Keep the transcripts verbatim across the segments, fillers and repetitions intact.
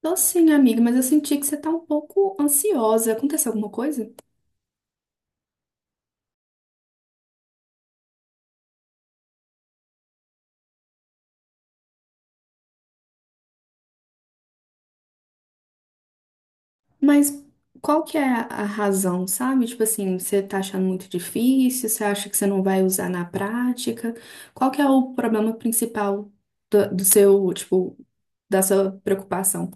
Tô sim, amiga, mas eu senti que você tá um pouco ansiosa. Aconteceu alguma coisa? Mas qual que é a a razão, sabe? Tipo assim, você tá achando muito difícil, você acha que você não vai usar na prática? Qual que é o problema principal do, do seu, tipo, da sua preocupação?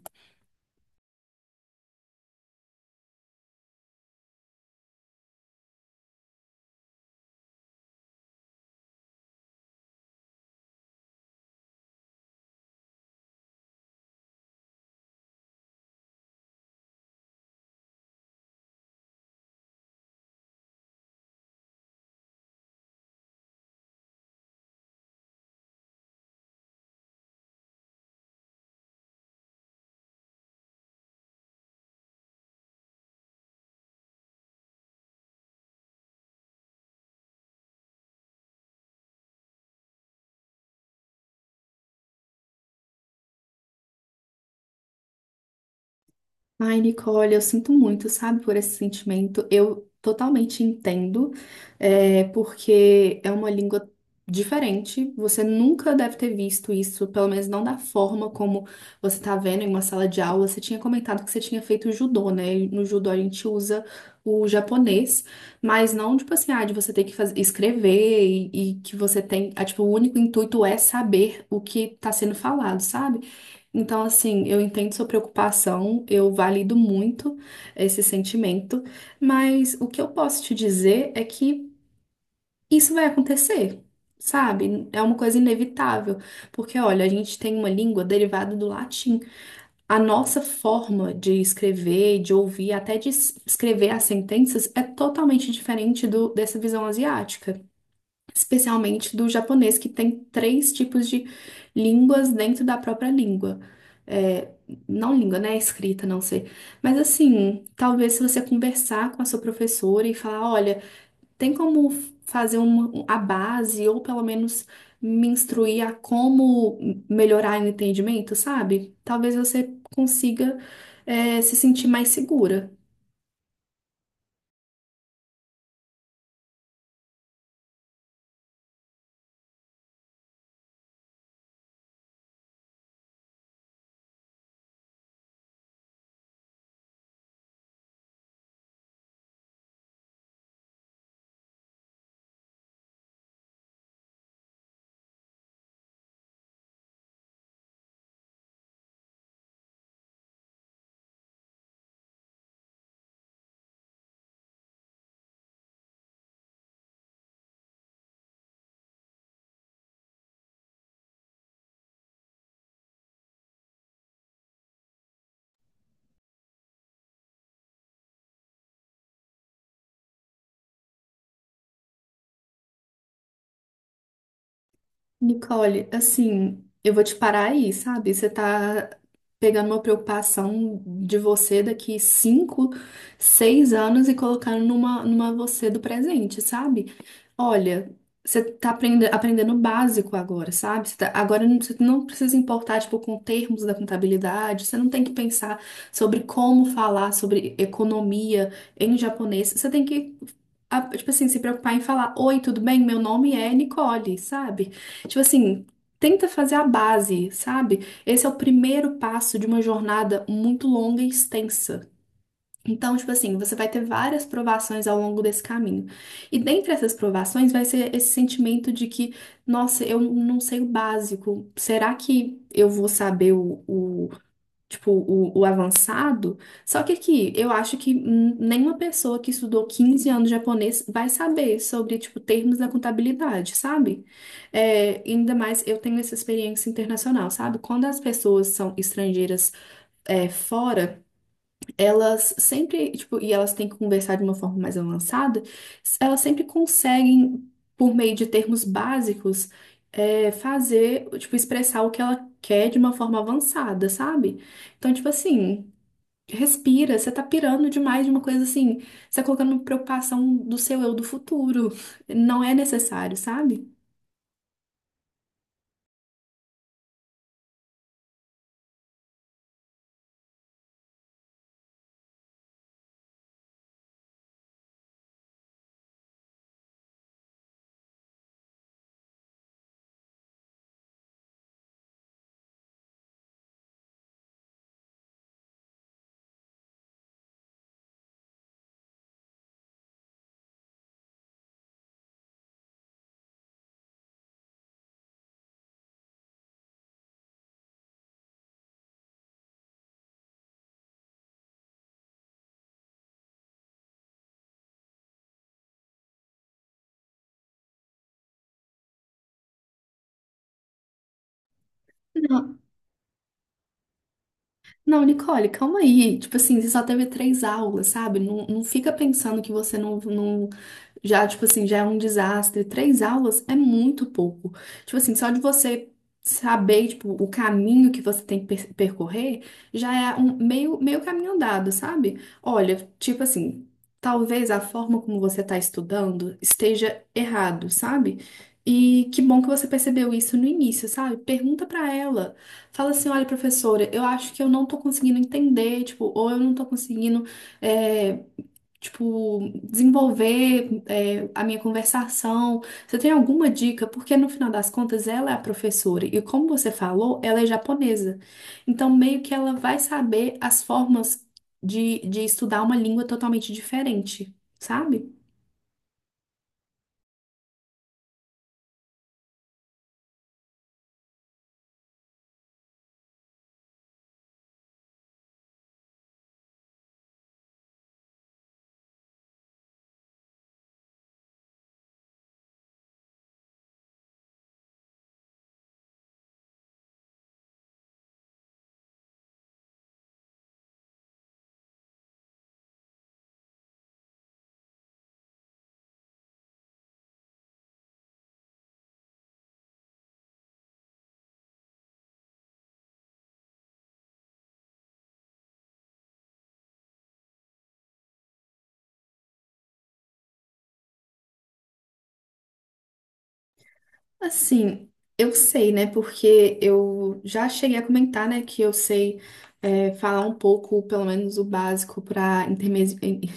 Ai, Nicole, eu sinto muito, sabe, por esse sentimento. Eu totalmente entendo, é, porque é uma língua diferente. Você nunca deve ter visto isso, pelo menos não da forma como você está vendo em uma sala de aula. Você tinha comentado que você tinha feito judô, né? E no judô a gente usa o japonês, mas não tipo assim, ah, de você ter que faz- escrever e, e que você tem, ah, tipo, o único intuito é saber o que está sendo falado, sabe? Então, assim, eu entendo sua preocupação, eu valido muito esse sentimento, mas o que eu posso te dizer é que isso vai acontecer, sabe? É uma coisa inevitável, porque olha, a gente tem uma língua derivada do latim. A nossa forma de escrever, de ouvir, até de es- escrever as sentenças é totalmente diferente do, dessa visão asiática especialmente do japonês, que tem três tipos de línguas dentro da própria língua. É, não língua, né? Escrita, não sei. Mas assim, talvez se você conversar com a sua professora e falar, olha, tem como fazer uma, a base, ou pelo menos me instruir a como melhorar o entendimento, sabe? Talvez você consiga, é, se sentir mais segura. Nicole, assim, eu vou te parar aí, sabe? Você tá pegando uma preocupação de você daqui cinco, seis anos e colocando numa, numa você do presente, sabe? Olha, você tá aprende- aprendendo o básico agora, sabe? Você tá- agora não- você não precisa importar, tipo, com termos da contabilidade, você não tem que pensar sobre como falar sobre economia em japonês, você tem que, a- tipo assim, se preocupar em falar, Oi, tudo bem? Meu nome é Nicole, sabe? Tipo assim, tenta fazer a base, sabe? Esse é o primeiro passo de uma jornada muito longa e extensa. Então, tipo assim, você vai ter várias provações ao longo desse caminho. E dentre essas provações vai ser esse sentimento de que, nossa, eu não sei o básico. Será que eu vou saber o, o tipo, o, o avançado. Só que aqui, eu acho que hum, nenhuma pessoa que estudou quinze anos japonês vai saber sobre, tipo, termos da contabilidade, sabe? É, ainda mais eu tenho essa experiência internacional, sabe? Quando as pessoas são estrangeiras é, fora elas sempre, tipo, e elas têm que conversar de uma forma mais avançada, s- elas sempre conseguem, por meio de termos básicos, é, fazer, tipo, expressar o que ela quer de uma forma avançada, sabe? Então, tipo assim, respira, você tá pirando demais de uma coisa assim, você tá colocando preocupação do seu eu do futuro. Não é necessário, sabe? Não. Não, Nicole, calma aí. Tipo assim, você só teve três aulas, sabe? Não, não fica pensando que você não, não. Já, tipo assim, já é um desastre. Três aulas é muito pouco. Tipo assim, só de você saber, tipo, o caminho que você tem que per- percorrer, já é um meio, meio caminho andado, sabe? Olha, tipo assim, talvez a forma como você tá estudando esteja errado, sabe? E que bom que você percebeu isso no início, sabe? Pergunta pra ela. Fala assim, olha, professora, eu acho que eu não tô conseguindo entender, tipo, ou eu não tô conseguindo, é, tipo, desenvolver, é, a minha conversação. Você tem alguma dica? Porque no final das contas ela é a professora e como você falou, ela é japonesa. Então meio que ela vai saber as formas de, de estudar uma língua totalmente diferente, sabe? Assim, eu sei, né? Porque eu já cheguei a comentar, né, que eu sei é, falar um pouco, pelo menos o básico para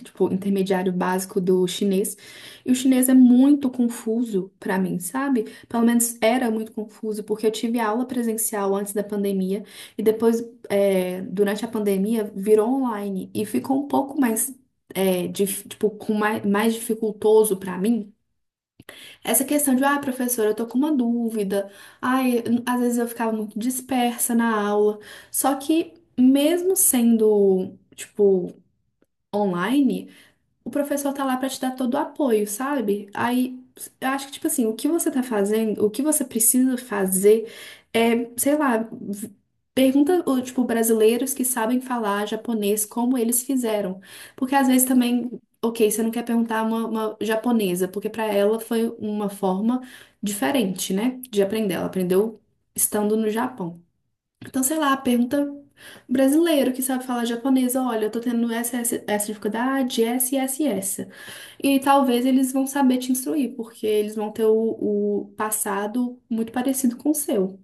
tipo, intermediário básico do chinês. E o chinês é muito confuso para mim, sabe? Pelo menos era muito confuso, porque eu tive aula presencial antes da pandemia e depois, é, durante a pandemia, virou online e ficou um pouco mais, é, dif- tipo, com mais, mais dificultoso para mim essa questão de, ah, professora, eu tô com uma dúvida. Ai, às vezes eu ficava muito dispersa na aula. Só que, mesmo sendo, tipo, online, o professor tá lá pra te dar todo o apoio, sabe? Aí, eu acho que, tipo assim, o que você tá fazendo, o que você precisa fazer é, sei lá, v- pergunta, o, tipo, brasileiros que sabem falar japonês, como eles fizeram. Porque às vezes também, ok, você não quer perguntar uma, uma japonesa, porque pra ela foi uma forma diferente, né, de aprender. Ela aprendeu estando no Japão. Então, sei lá, pergunta brasileiro que sabe falar japonês, olha, eu tô tendo essa, essa, essa dificuldade, essa e essa e essa. E talvez eles vão saber te instruir, porque eles vão ter o, o passado muito parecido com o seu.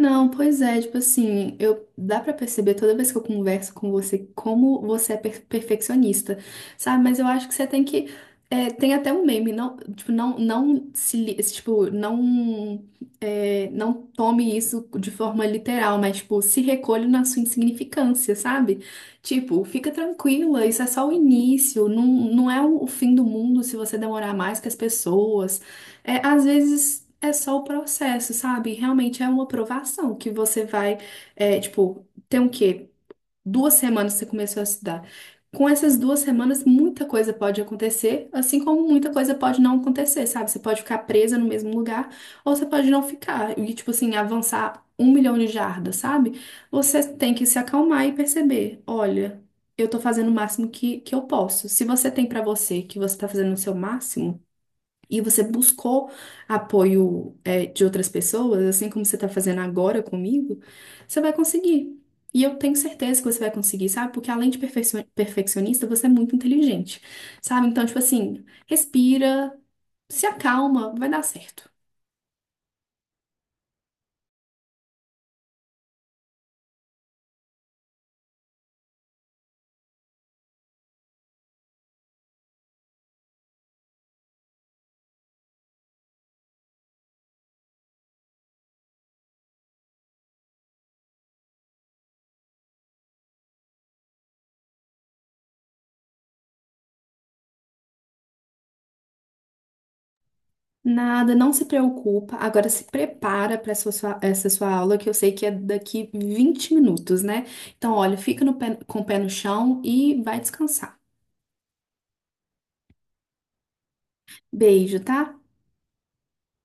Não, pois é, tipo assim, eu dá pra perceber toda vez que eu converso com você como você é per- perfeccionista, sabe? Mas eu acho que você tem que é, tem até um meme, não, tipo, não, não se, li- tipo, não é, não tome isso de forma literal, mas tipo, se recolhe na sua insignificância, sabe? Tipo, fica tranquila, isso é só o início, não, não é o fim do mundo se você demorar mais que as pessoas. É, às vezes é só o processo, sabe? Realmente é uma aprovação que você vai, é, tipo, tem o quê? Duas semanas que você começou a estudar. Com essas duas semanas, muita coisa pode acontecer, assim como muita coisa pode não acontecer, sabe? Você pode ficar presa no mesmo lugar, ou você pode não ficar e, tipo assim, avançar um milhão de jardas, sabe? Você tem que se acalmar e perceber, olha, eu tô fazendo o máximo que, que eu posso. Se você tem pra você que você tá fazendo o seu máximo, e você buscou apoio, é, de outras pessoas, assim como você está fazendo agora comigo, você vai conseguir. E eu tenho certeza que você vai conseguir, sabe? Porque além de perfeccio- perfeccionista, você é muito inteligente, sabe? Então, tipo assim, respira, se acalma, vai dar certo. Nada, não se preocupa. Agora se prepara para essa sua, essa sua aula, que eu sei que é daqui vinte minutos, né? Então, olha, fica no pé- com o pé no chão e vai descansar. Beijo, tá?